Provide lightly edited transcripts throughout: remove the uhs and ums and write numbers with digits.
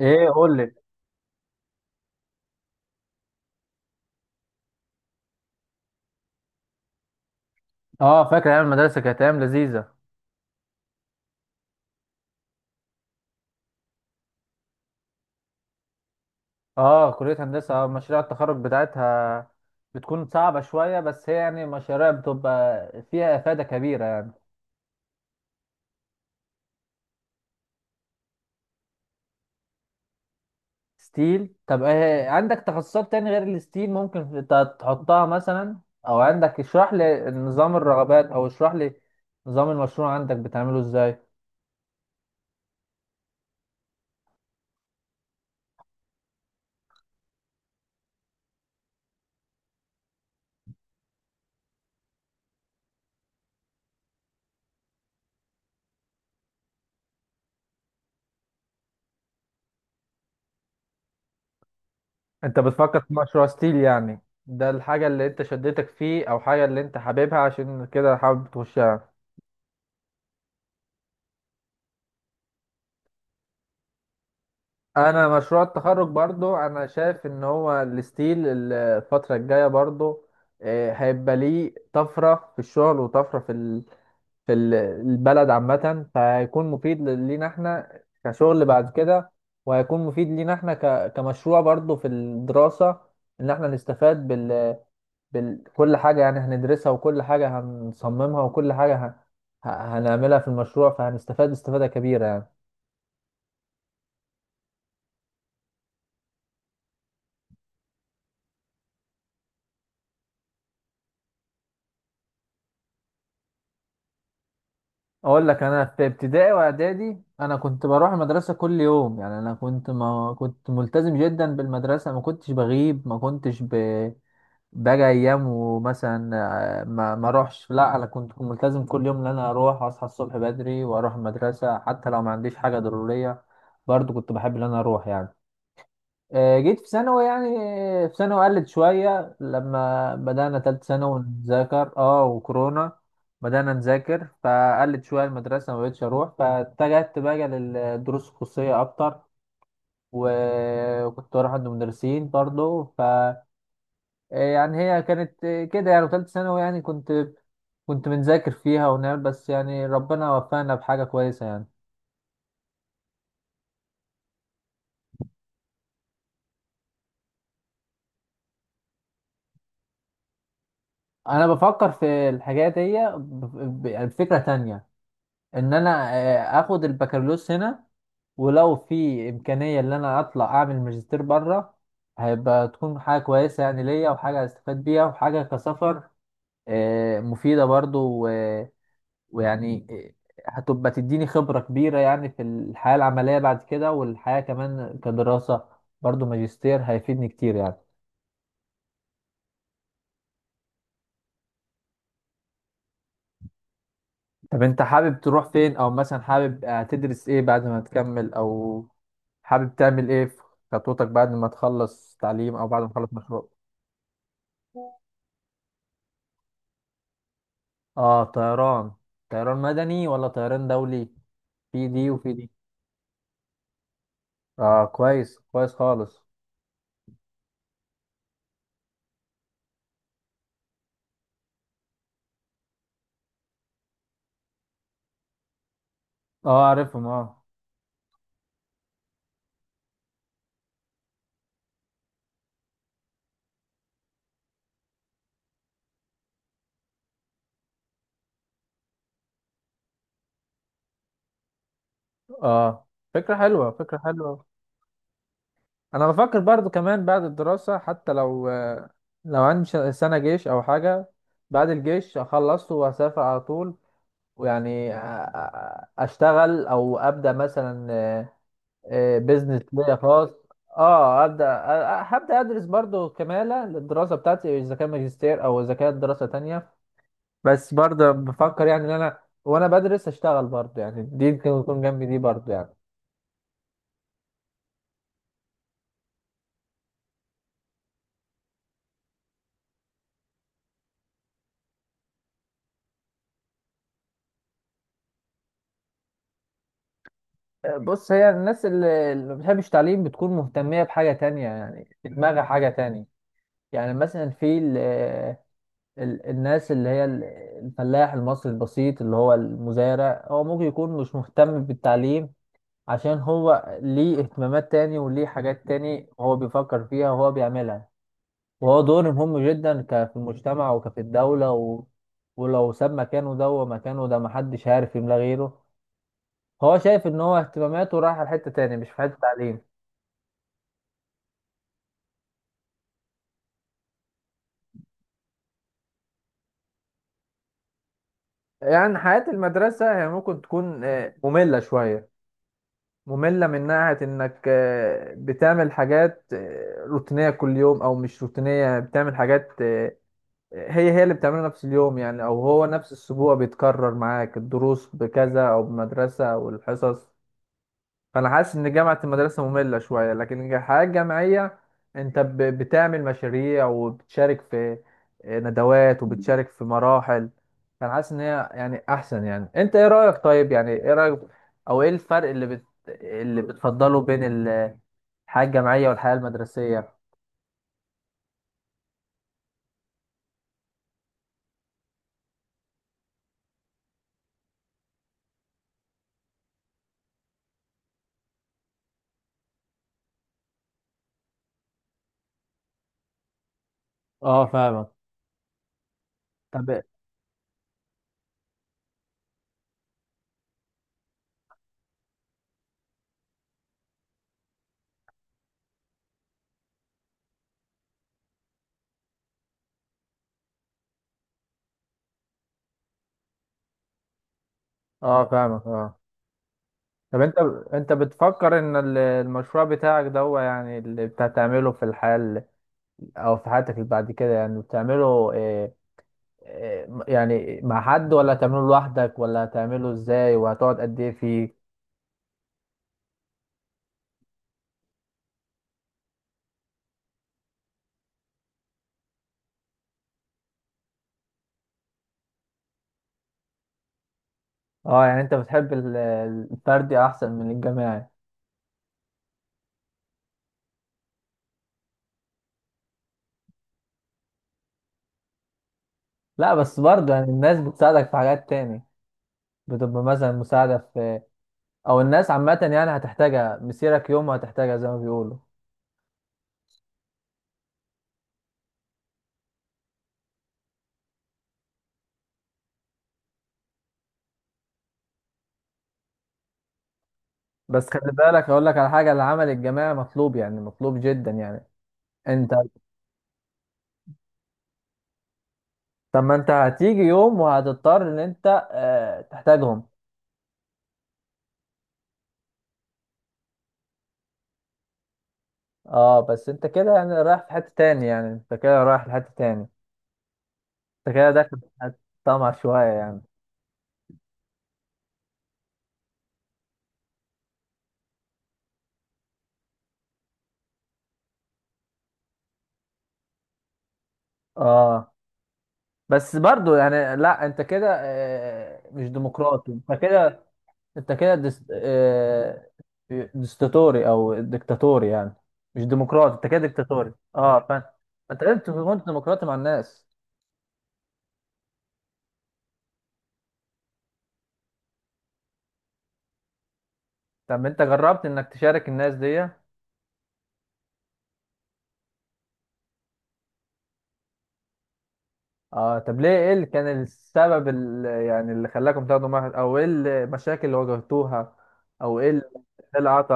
ايه، قول لي. اه، فاكر ايام المدرسه، كانت ايام لذيذه. اه، كليه هندسه. مشاريع التخرج بتاعتها بتكون صعبه شويه، بس هي يعني مشاريع بتبقى فيها افاده كبيره يعني. ستيل. طب ايه عندك تخصصات تاني غير الستيل؟ ممكن تحطها مثلا، او عندك، اشرح لي نظام الرغبات، او اشرح لي نظام المشروع عندك بتعمله ازاي؟ انت بتفكر في مشروع ستيل يعني؟ ده الحاجه اللي انت شدتك فيه، او حاجه اللي انت حاببها عشان كده حابب تخشها؟ انا مشروع التخرج برضو انا شايف ان هو الستيل الفتره الجايه برضو. هيبقى ليه طفره في الشغل، وطفره في البلد عامه، فهيكون مفيد لينا احنا كشغل بعد كده، وهيكون مفيد لينا احنا كمشروع برضو في الدراسه. ان احنا نستفاد كل حاجه يعني هندرسها، وكل حاجه هنصممها، وكل حاجه ه- هنعملها في المشروع، فهنستفاد استفاده كبيره يعني. اقول لك، انا في ابتدائي واعدادي انا كنت بروح المدرسه كل يوم يعني، انا ما كنت ملتزم جدا بالمدرسه، ما كنتش بغيب، ما كنتش باجي ايام، ومثلا ما اروحش. لا انا كنت ملتزم كل يوم، ان انا اروح اصحى الصبح بدري واروح المدرسه حتى لو ما عنديش حاجه ضروريه. برضو كنت بحب ان انا اروح يعني. جيت في ثانوي يعني. في ثانوي قلت شوية، لما بدأنا تالت ثانوي نذاكر اه وكورونا. بدأنا نذاكر، فقلت شوية المدرسة ما بقتش أروح، فاتجهت بقى للدروس الخصوصية أكتر. وكنت بروح عند مدرسين برضه ف آه، يعني هي كانت كده، يعني تالت ثانوي يعني كنت بنذاكر فيها ونعمل، بس يعني ربنا وفقنا بحاجة كويسة يعني. أنا بفكر في الحاجات دي يعني بفكرة تانية، ان انا اخد البكالوريوس هنا، ولو في امكانيه ان انا اطلع اعمل ماجستير بره هيبقى تكون حاجه كويسه يعني ليا، وحاجه هستفاد بيها، وحاجه كسفر مفيده برضو. ويعني هتبقى تديني خبره كبيره يعني في الحياه العمليه بعد كده، والحياه كمان كدراسه برضو، ماجستير هيفيدني كتير يعني. طب انت حابب تروح فين؟ او مثلا حابب تدرس ايه بعد ما تكمل؟ او حابب تعمل ايه في خطوتك بعد ما تخلص تعليم، او بعد ما تخلص مشروع؟ اه، طيران. طيران مدني ولا طيران دولي؟ في دي وفي دي. اه، كويس كويس خالص. اه، عارفهم، اه. اه، فكرة حلوة، فكرة حلوة. انا بفكر برضو كمان بعد الدراسة، حتى لو عندي سنة جيش او حاجة، بعد الجيش اخلصه وهسافر على طول، ويعني اشتغل او ابدا مثلا بزنس ليا خاص. اه، هبدا ادرس برضو كماله للدراسه بتاعتي، اذا كان ماجستير او اذا كانت دراسه تانية. بس برضه بفكر يعني ان انا وانا بدرس اشتغل برضه، يعني دي ممكن تكون جنبي دي برضه يعني. بص، هي الناس اللي ما بتحبش التعليم بتكون مهتمية بحاجة تانية، يعني في دماغها حاجة تانية. يعني مثلا في الناس اللي هي الفلاح المصري البسيط اللي هو المزارع، هو ممكن يكون مش مهتم بالتعليم، عشان هو ليه اهتمامات تاني وليه حاجات تاني هو بيفكر فيها وهو بيعملها. وهو دور مهم جدا في المجتمع وكفي الدولة. ولو ساب مكانه ده، ومكانه ده محدش عارف يملاه غيره. هو شايف ان هو اهتماماته رايحة لحتة تاني، مش في حتة تعليم. يعني حياة المدرسة هي ممكن تكون مملة شوية. مملة من ناحية إنك بتعمل حاجات روتينية كل يوم، أو مش روتينية، بتعمل حاجات. هي اللي بتعملها نفس اليوم يعني، أو هو نفس الأسبوع بيتكرر معاك الدروس بكذا أو بمدرسة أو الحصص. فانا حاسس ان جامعه المدرسه ممله شويه، لكن الحياه الجامعيه انت بتعمل مشاريع وبتشارك في ندوات، وبتشارك في مراحل. فانا حاسس ان هي يعني احسن. يعني انت ايه رايك؟ طيب، يعني ايه رايك، او ايه الفرق اللي بتفضله بين الحياه الجامعيه والحياه المدرسيه؟ اه، فاهمك. طب، اه، فاهمك، اه. طب، انت بتفكر ان المشروع بتاعك ده، هو يعني اللي بتعمله في الحياه او في حياتك اللي بعد كده، يعني بتعمله آه، إيه، يعني مع حد ولا هتعمله لوحدك، ولا هتعمله ازاي؟ وهتقعد قد ايه فيه؟ اه، يعني انت بتحب الفردي احسن من الجماعي؟ لا، بس برضه يعني الناس بتساعدك في حاجات تاني، بتبقى مثلا مساعدة في، او الناس عامة يعني هتحتاجها، مسيرك يوم هتحتاجها زي ما بيقولوا. بس خلي بالك، اقول لك على حاجة، العمل الجماعي مطلوب، يعني مطلوب جدا يعني. انت، طب ما انت هتيجي يوم وهتضطر ان انت تحتاجهم. اه، بس انت كده يعني رايح في حتة تاني، يعني انت كده رايح لحتة تاني، انت كده داخل في طمع شوية يعني. اه، بس برضو يعني، لا انت كده مش ديمقراطي انت كده. انت كده دس... آه، دستاتوري او ديكتاتوري يعني، مش ديمقراطي انت كده، ديكتاتوري. اه، فاهم. انت لازم تكون ديمقراطي مع الناس. طب انت جربت انك تشارك الناس دي؟ اه، طب ليه؟ ايه اللي كان السبب اللي خلاكم تاخدوا معهد، او ايه المشاكل اللي واجهتوها، او ايه اللي، إيه اللي عطل؟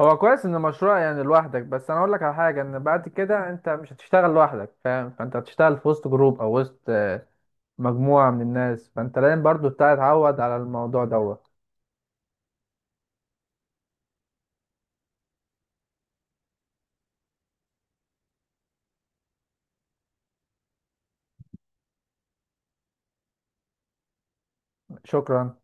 هو كويس ان مشروع يعني لوحدك، بس انا اقول لك على حاجه، ان بعد كده انت مش هتشتغل لوحدك، فاهم؟ فانت هتشتغل في وسط جروب، او وسط مجموعه من الناس، فانت لازم برضو تتعود على الموضوع دوت. شكرا.